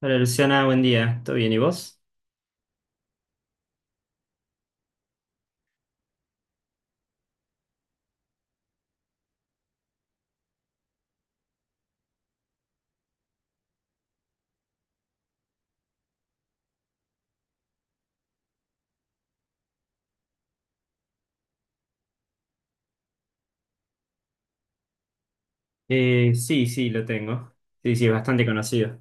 Hola Luciana, buen día. ¿Todo bien y vos? Sí, sí, lo tengo. Sí, sí, es bastante conocido.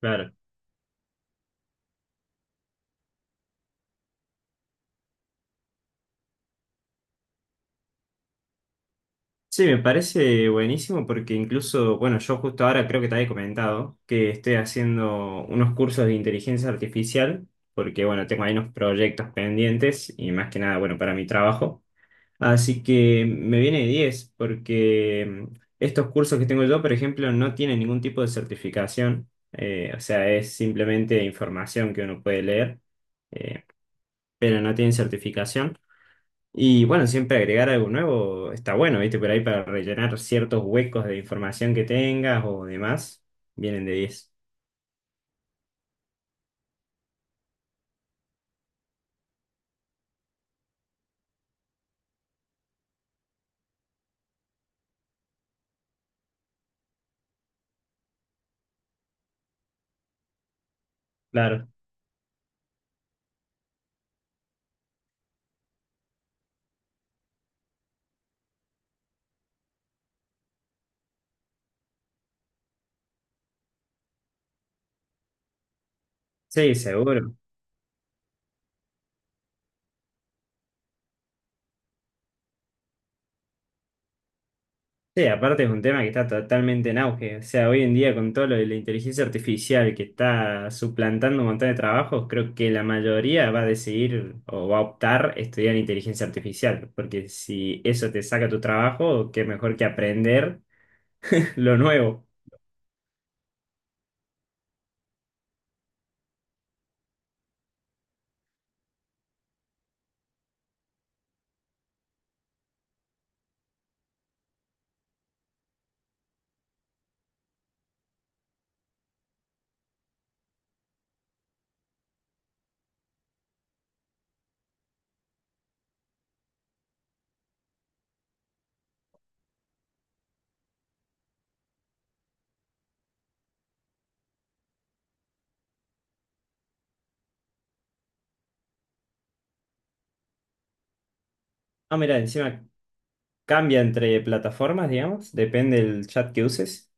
Claro. Sí, me parece buenísimo porque incluso, bueno, yo justo ahora creo que te había comentado que estoy haciendo unos cursos de inteligencia artificial porque, bueno, tengo ahí unos proyectos pendientes y más que nada, bueno, para mi trabajo. Así que me viene de 10 porque estos cursos que tengo yo, por ejemplo, no tienen ningún tipo de certificación, o sea, es simplemente información que uno puede leer, eh, pero no tienen certificación. Y bueno, siempre agregar algo nuevo está bueno, ¿viste? Por ahí para rellenar ciertos huecos de información que tengas o demás, vienen de diez. Claro, sí, seguro. Sí, aparte es un tema que está totalmente en auge. O sea, hoy en día con todo lo de la inteligencia artificial que está suplantando un montón de trabajos, creo que la mayoría va a decidir o va a optar estudiar inteligencia artificial, porque si eso te saca tu trabajo, qué mejor que aprender lo nuevo. Ah, mira, encima cambia entre plataformas, digamos, depende del chat que uses.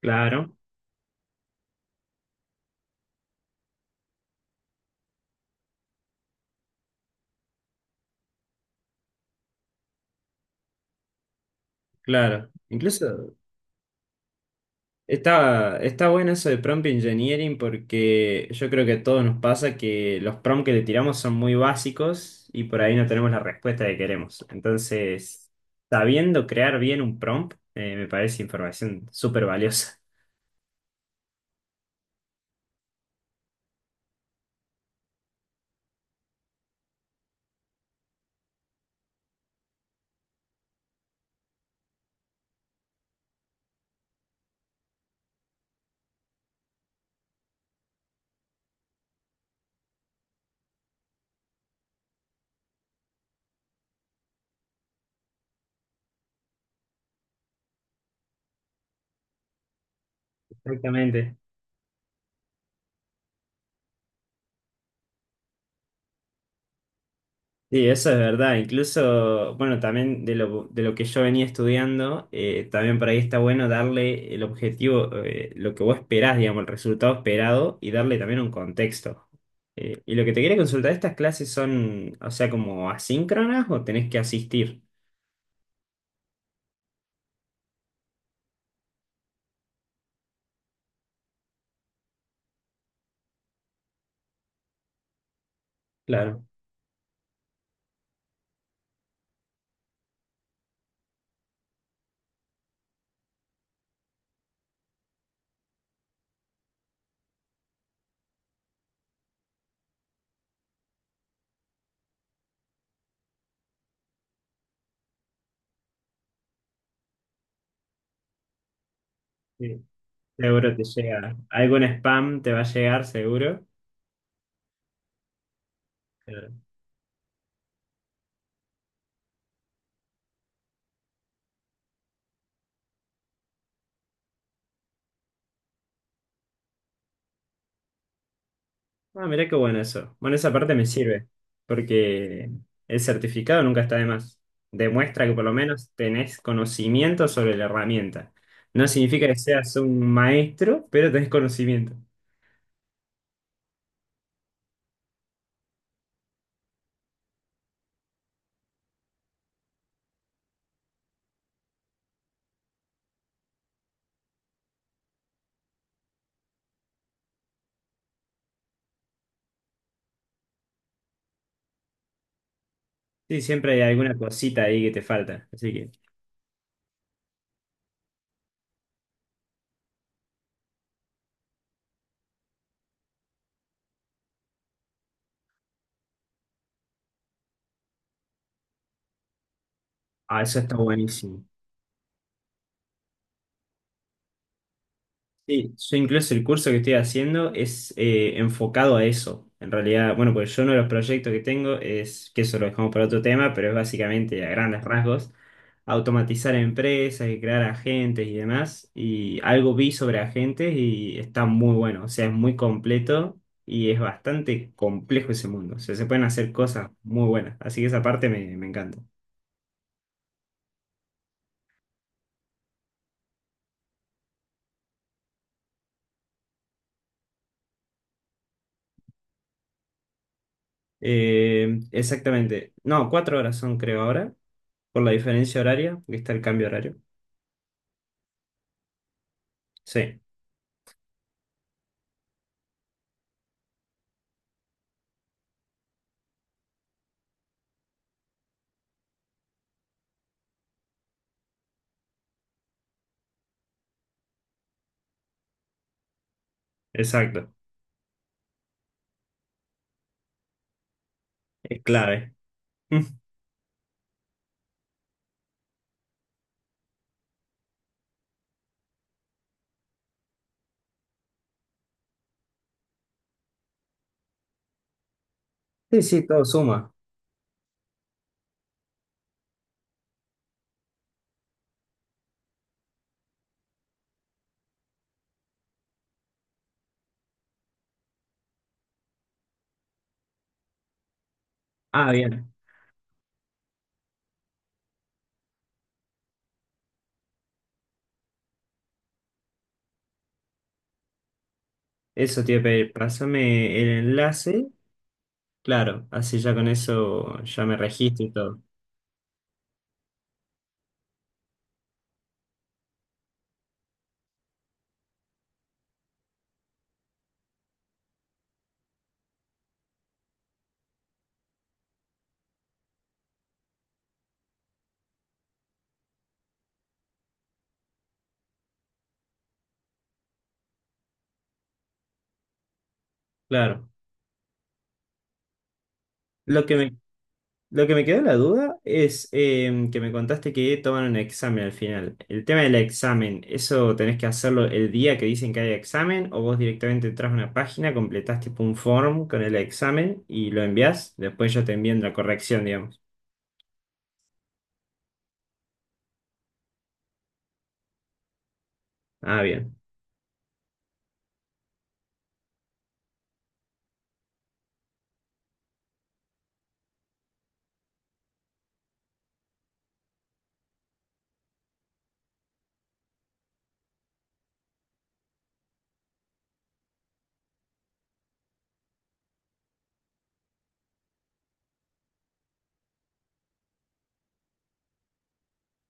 Claro, claro. Incluso, está bueno eso de prompt engineering porque yo creo que a todos nos pasa que los prompts que le tiramos son muy básicos y por ahí no tenemos la respuesta que queremos. Entonces, sabiendo crear bien un prompt, me parece información súper valiosa. Exactamente. Sí, eso es verdad. Incluso, bueno, también de lo que yo venía estudiando, también por ahí está bueno darle el objetivo, lo que vos esperás, digamos, el resultado esperado y darle también un contexto. Y lo que te quería consultar, ¿estas clases son, o sea, como asíncronas o tenés que asistir? Claro. Sí. Seguro te llega. Algún spam te va a llegar, seguro. Ah, mirá qué bueno eso. Bueno, esa parte me sirve, porque el certificado nunca está de más. Demuestra que por lo menos tenés conocimiento sobre la herramienta. No significa que seas un maestro, pero tenés conocimiento. Sí, siempre hay alguna cosita ahí que te falta. Así que, ah, eso está buenísimo. Sí, yo incluso el curso que estoy haciendo es enfocado a eso. En realidad, bueno, pues yo uno de los proyectos que tengo es, que eso lo dejamos para otro tema, pero es básicamente a grandes rasgos, automatizar empresas y crear agentes y demás. Y algo vi sobre agentes y está muy bueno, o sea, es muy completo y es bastante complejo ese mundo. O sea, se pueden hacer cosas muy buenas. Así que esa parte me encanta. Exactamente. No, 4 horas son creo ahora, por la diferencia horaria, porque está el cambio horario. Sí, exacto. Es clave. Mm, sí, sí, todo suma. Ah, bien. Eso te iba a pedir. Pásame el enlace. Claro, así ya con eso ya me registro y todo. Claro. Lo que me, lo que me quedó la duda es que me contaste que toman un examen al final. El tema del examen, ¿eso tenés que hacerlo el día que dicen que hay examen o vos directamente entras a una página, completás tipo un form con el examen y lo envías? Después yo te envían la corrección, digamos. Ah, bien.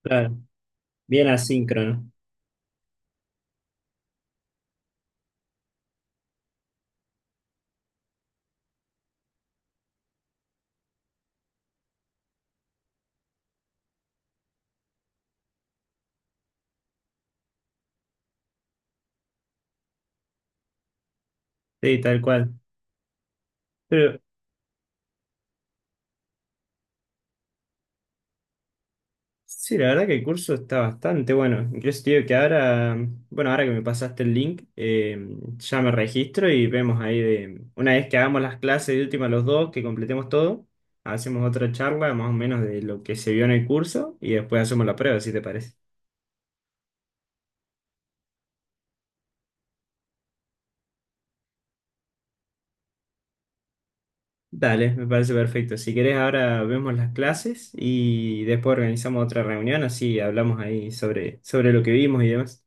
Claro. Bien asíncrono, sí, tal cual. Pero sí, la verdad que el curso está bastante bueno. Incluso te digo que ahora, bueno, ahora que me pasaste el link, ya me registro y vemos ahí de, una vez que hagamos las clases de última los dos, que completemos todo, hacemos otra charla más o menos de lo que se vio en el curso y después hacemos la prueba, si te parece. Dale, me parece perfecto. Si querés, ahora vemos las clases y después organizamos otra reunión, así hablamos ahí sobre lo que vimos y demás.